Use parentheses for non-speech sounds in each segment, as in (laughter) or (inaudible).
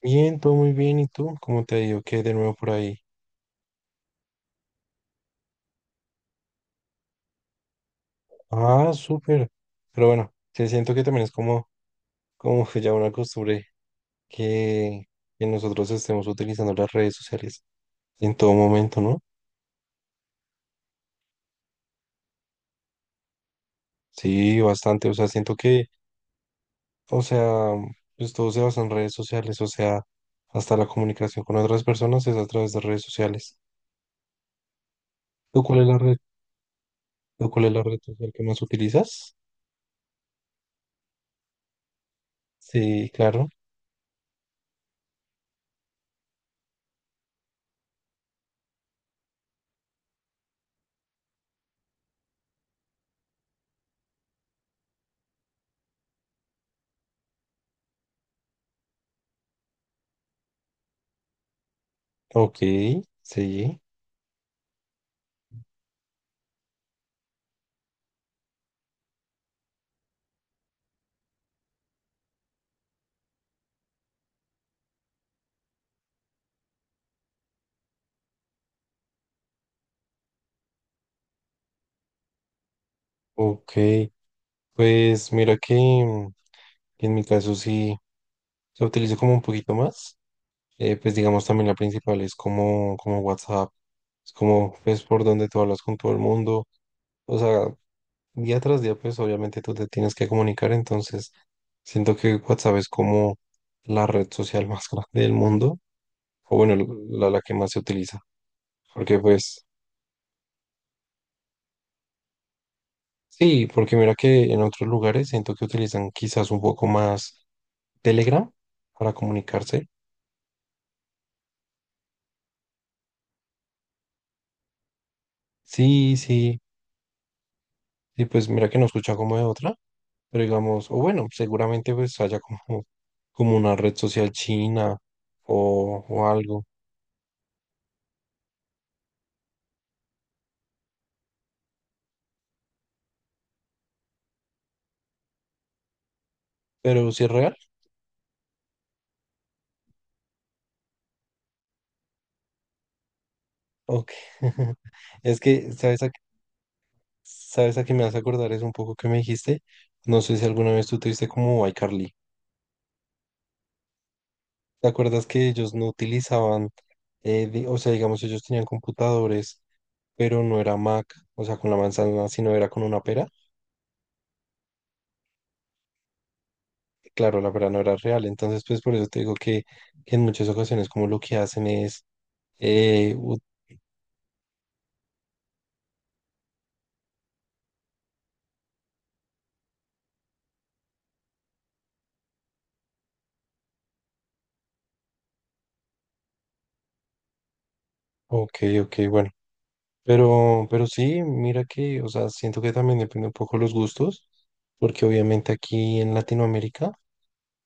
Bien, todo muy bien. ¿Y tú? ¿Cómo te ha ido? ¿Qué hay de nuevo por ahí? Ah, súper. Pero bueno, sí, siento que también es como que ya una costumbre que, que nosotros estemos utilizando las redes sociales en todo momento, ¿no? Sí, bastante. O sea, siento que, o sea, pues todo se basa en redes sociales. O sea, hasta la comunicación con otras personas es a través de redes sociales. ¿Tú cuál es la red? ¿Tú cuál es la red social que más utilizas? Sí, claro. Ok, sí, ok. Pues mira que en mi caso sí se utilizo como un poquito más. Pues digamos también la principal es como WhatsApp. Es como pues por donde tú hablas con todo el mundo. O sea, día tras día pues obviamente tú te tienes que comunicar. Entonces siento que WhatsApp es como la red social más (laughs) grande del mundo. O bueno, la que más se utiliza. Porque pues sí, porque mira que en otros lugares siento que utilizan quizás un poco más Telegram para comunicarse. Sí, sí. Y pues mira que no escucha como de otra, pero digamos, o bueno, seguramente pues haya como una red social china o algo, pero si es real, ok. (laughs) Es que, ¿sabes a qué me hace acordar? Es un poco que me dijiste, no sé si alguna vez tú te viste como iCarly. ¿Te acuerdas que ellos no utilizaban, o sea, digamos, ellos tenían computadores, pero no era Mac, o sea, con la manzana, sino era con una pera? Claro, la verdad no era real. Entonces, pues por eso te digo que, en muchas ocasiones como lo que hacen es, eh, u- ok, ok, bueno, pero sí, mira que, o sea, siento que también depende un poco los gustos, porque obviamente aquí en Latinoamérica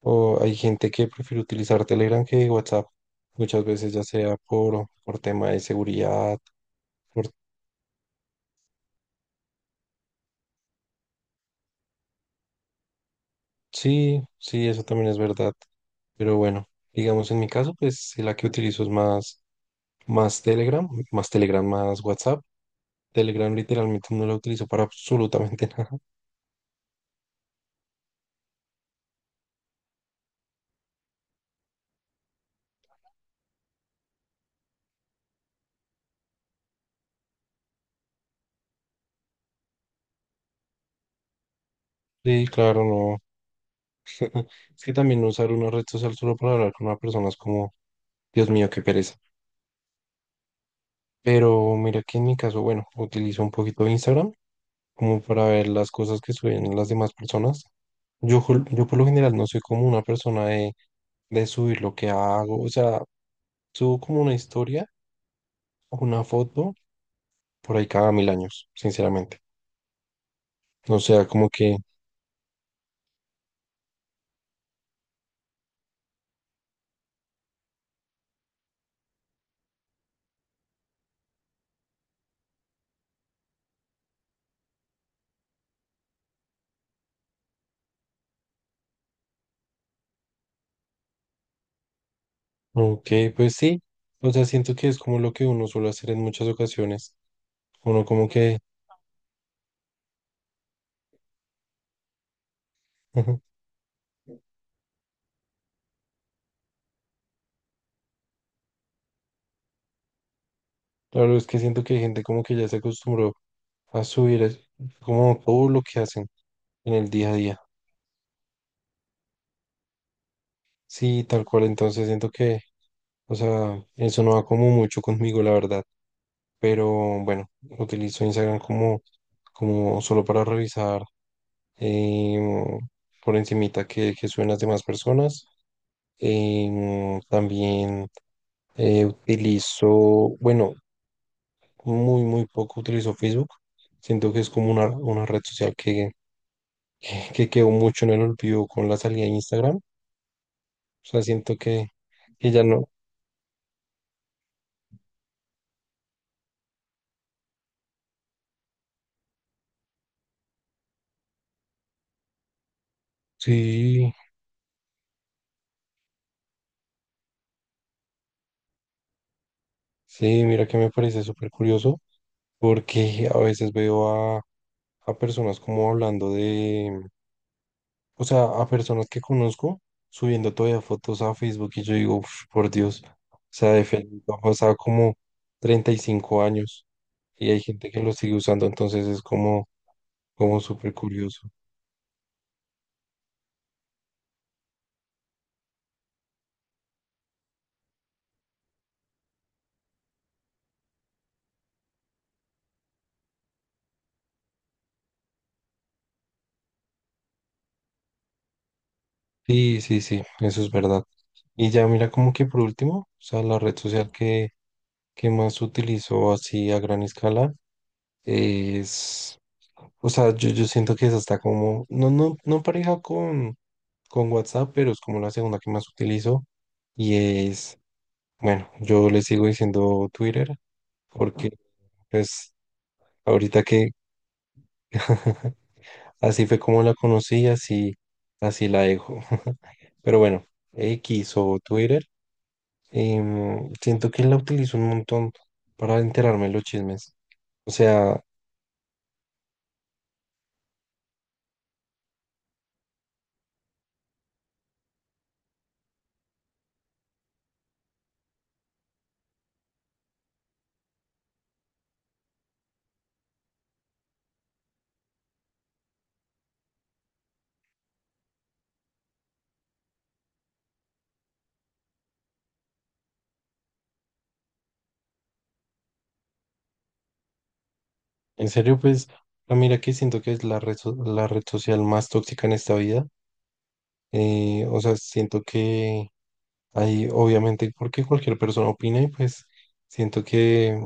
o hay gente que prefiere utilizar Telegram que WhatsApp, muchas veces ya sea por tema de seguridad, por, sí, sí, eso también es verdad, pero bueno, digamos en mi caso, pues sí, la que utilizo es Más Telegram, más Telegram, más WhatsApp. Telegram literalmente no lo utilizo para absolutamente (laughs) nada. Sí, claro, no. Es que también no usar una red social solo para hablar con una persona es como, Dios mío, qué pereza. Pero mira que en mi caso, bueno, utilizo un poquito de Instagram como para ver las cosas que suben las demás personas. Yo por lo general no soy como una persona de subir lo que hago. O sea, subo como una historia o una foto por ahí cada mil años, sinceramente. O sea, como que. Ok, pues sí. O sea, siento que es como lo que uno suele hacer en muchas ocasiones. Uno como que. (laughs) Claro, es que siento que hay gente como que ya se acostumbró a subir como todo lo que hacen en el día a día. Sí, tal cual. Entonces siento que, o sea, eso no va como mucho conmigo, la verdad. Pero bueno, utilizo Instagram como, solo para revisar em, por encimita que suben las demás personas. También. Eh, utilizo, bueno, muy, muy poco utilizo Facebook. Siento que es como una red social que, (laughs) que quedó mucho en el olvido con la salida de Instagram. O sea, siento que ya no. Sí, sí, mira que me parece súper curioso porque a veces veo a, a personas como hablando o sea, a personas que conozco subiendo todavía fotos a Facebook y yo digo, "Uf, por Dios, o sea, de Facebook han pasado como 35 años y hay gente que lo sigue usando, entonces es como súper curioso. Sí, sí, sí, eso es verdad. Y ya mira como que por último, o sea, la red social que más utilizo así a gran escala es, o sea, yo siento que es hasta como, no pareja con WhatsApp, pero es como la segunda que más utilizo. Y es, bueno, yo le sigo diciendo Twitter porque pues ahorita que (laughs) así fue como la conocí, así la dejo. (laughs) Pero bueno, X o Twitter, siento que la utilizo un montón para enterarme de los chismes. O sea, en serio, pues, mira que siento que es la red social más tóxica en esta vida. O sea, siento que hay, obviamente, porque cualquier persona opina y pues siento que,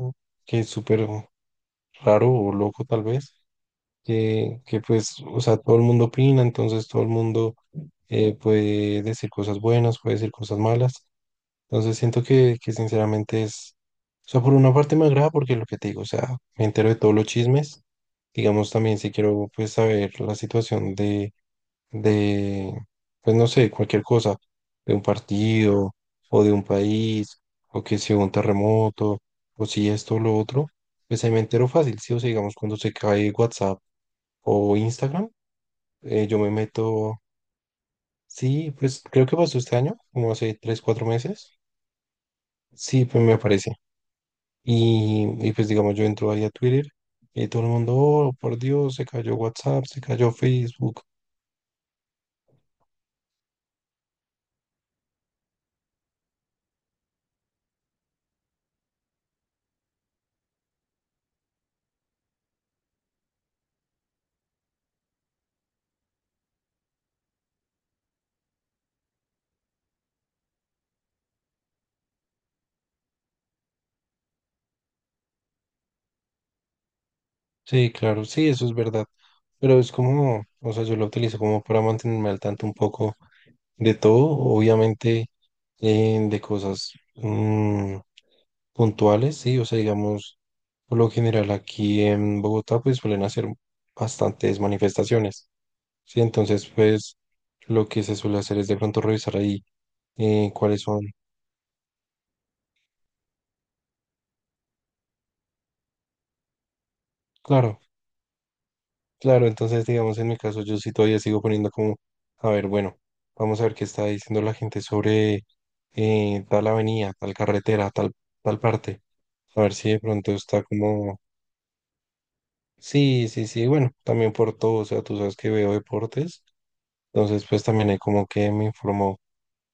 que es súper raro o loco tal vez, que pues, o sea, todo el mundo opina, entonces todo el mundo puede decir cosas buenas, puede decir cosas malas. Entonces siento que sinceramente es, o sea, por una parte me agrada porque lo que te digo, o sea, me entero de todos los chismes. Digamos, también si quiero pues saber la situación de de, pues no sé, cualquier cosa, de un partido o de un país, o que si hubo un terremoto, o si esto o lo otro, pues ahí me entero fácil, sí, o sea, digamos, cuando se cae WhatsApp o Instagram, yo me meto, sí, pues creo que pasó este año, como hace 3 4 meses, sí, pues me aparece. Y pues digamos, yo entro ahí a Twitter y todo el mundo, oh, por Dios, se cayó WhatsApp, se cayó Facebook. Sí, claro, sí, eso es verdad. Pero es como, o sea, yo lo utilizo como para mantenerme al tanto un poco de todo, obviamente de cosas mm, puntuales, sí, o sea, digamos, por lo general aquí en Bogotá pues suelen hacer bastantes manifestaciones, sí, entonces pues lo que se suele hacer es de pronto revisar ahí cuáles son, claro. Claro, entonces digamos en mi caso yo sí todavía sigo poniendo como, a ver, bueno, vamos a ver qué está diciendo la gente sobre tal avenida, tal carretera, tal parte. A ver si de pronto está como, sí, sí, sí, bueno, también por todo, o sea, tú sabes que veo deportes, entonces pues también hay como que me informó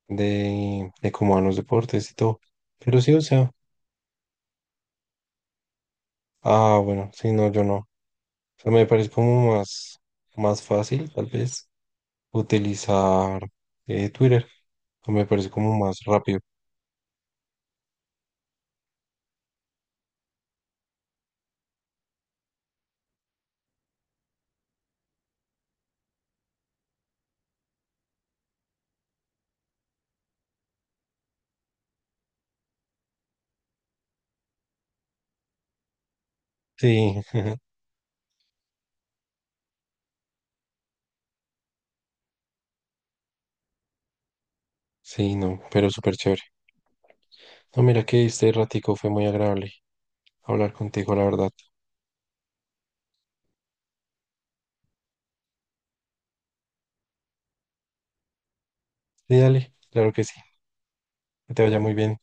de cómo van los deportes y todo. Pero sí, o sea, ah, bueno, sí, no, yo no. O sea, me parece como más fácil, tal vez. Utilizar Twitter. Me parece como más rápido. Sí, (laughs) sí, no, pero súper chévere. No, mira que este ratico fue muy agradable hablar contigo, la verdad. Sí, dale, claro que sí. Que te vaya muy bien.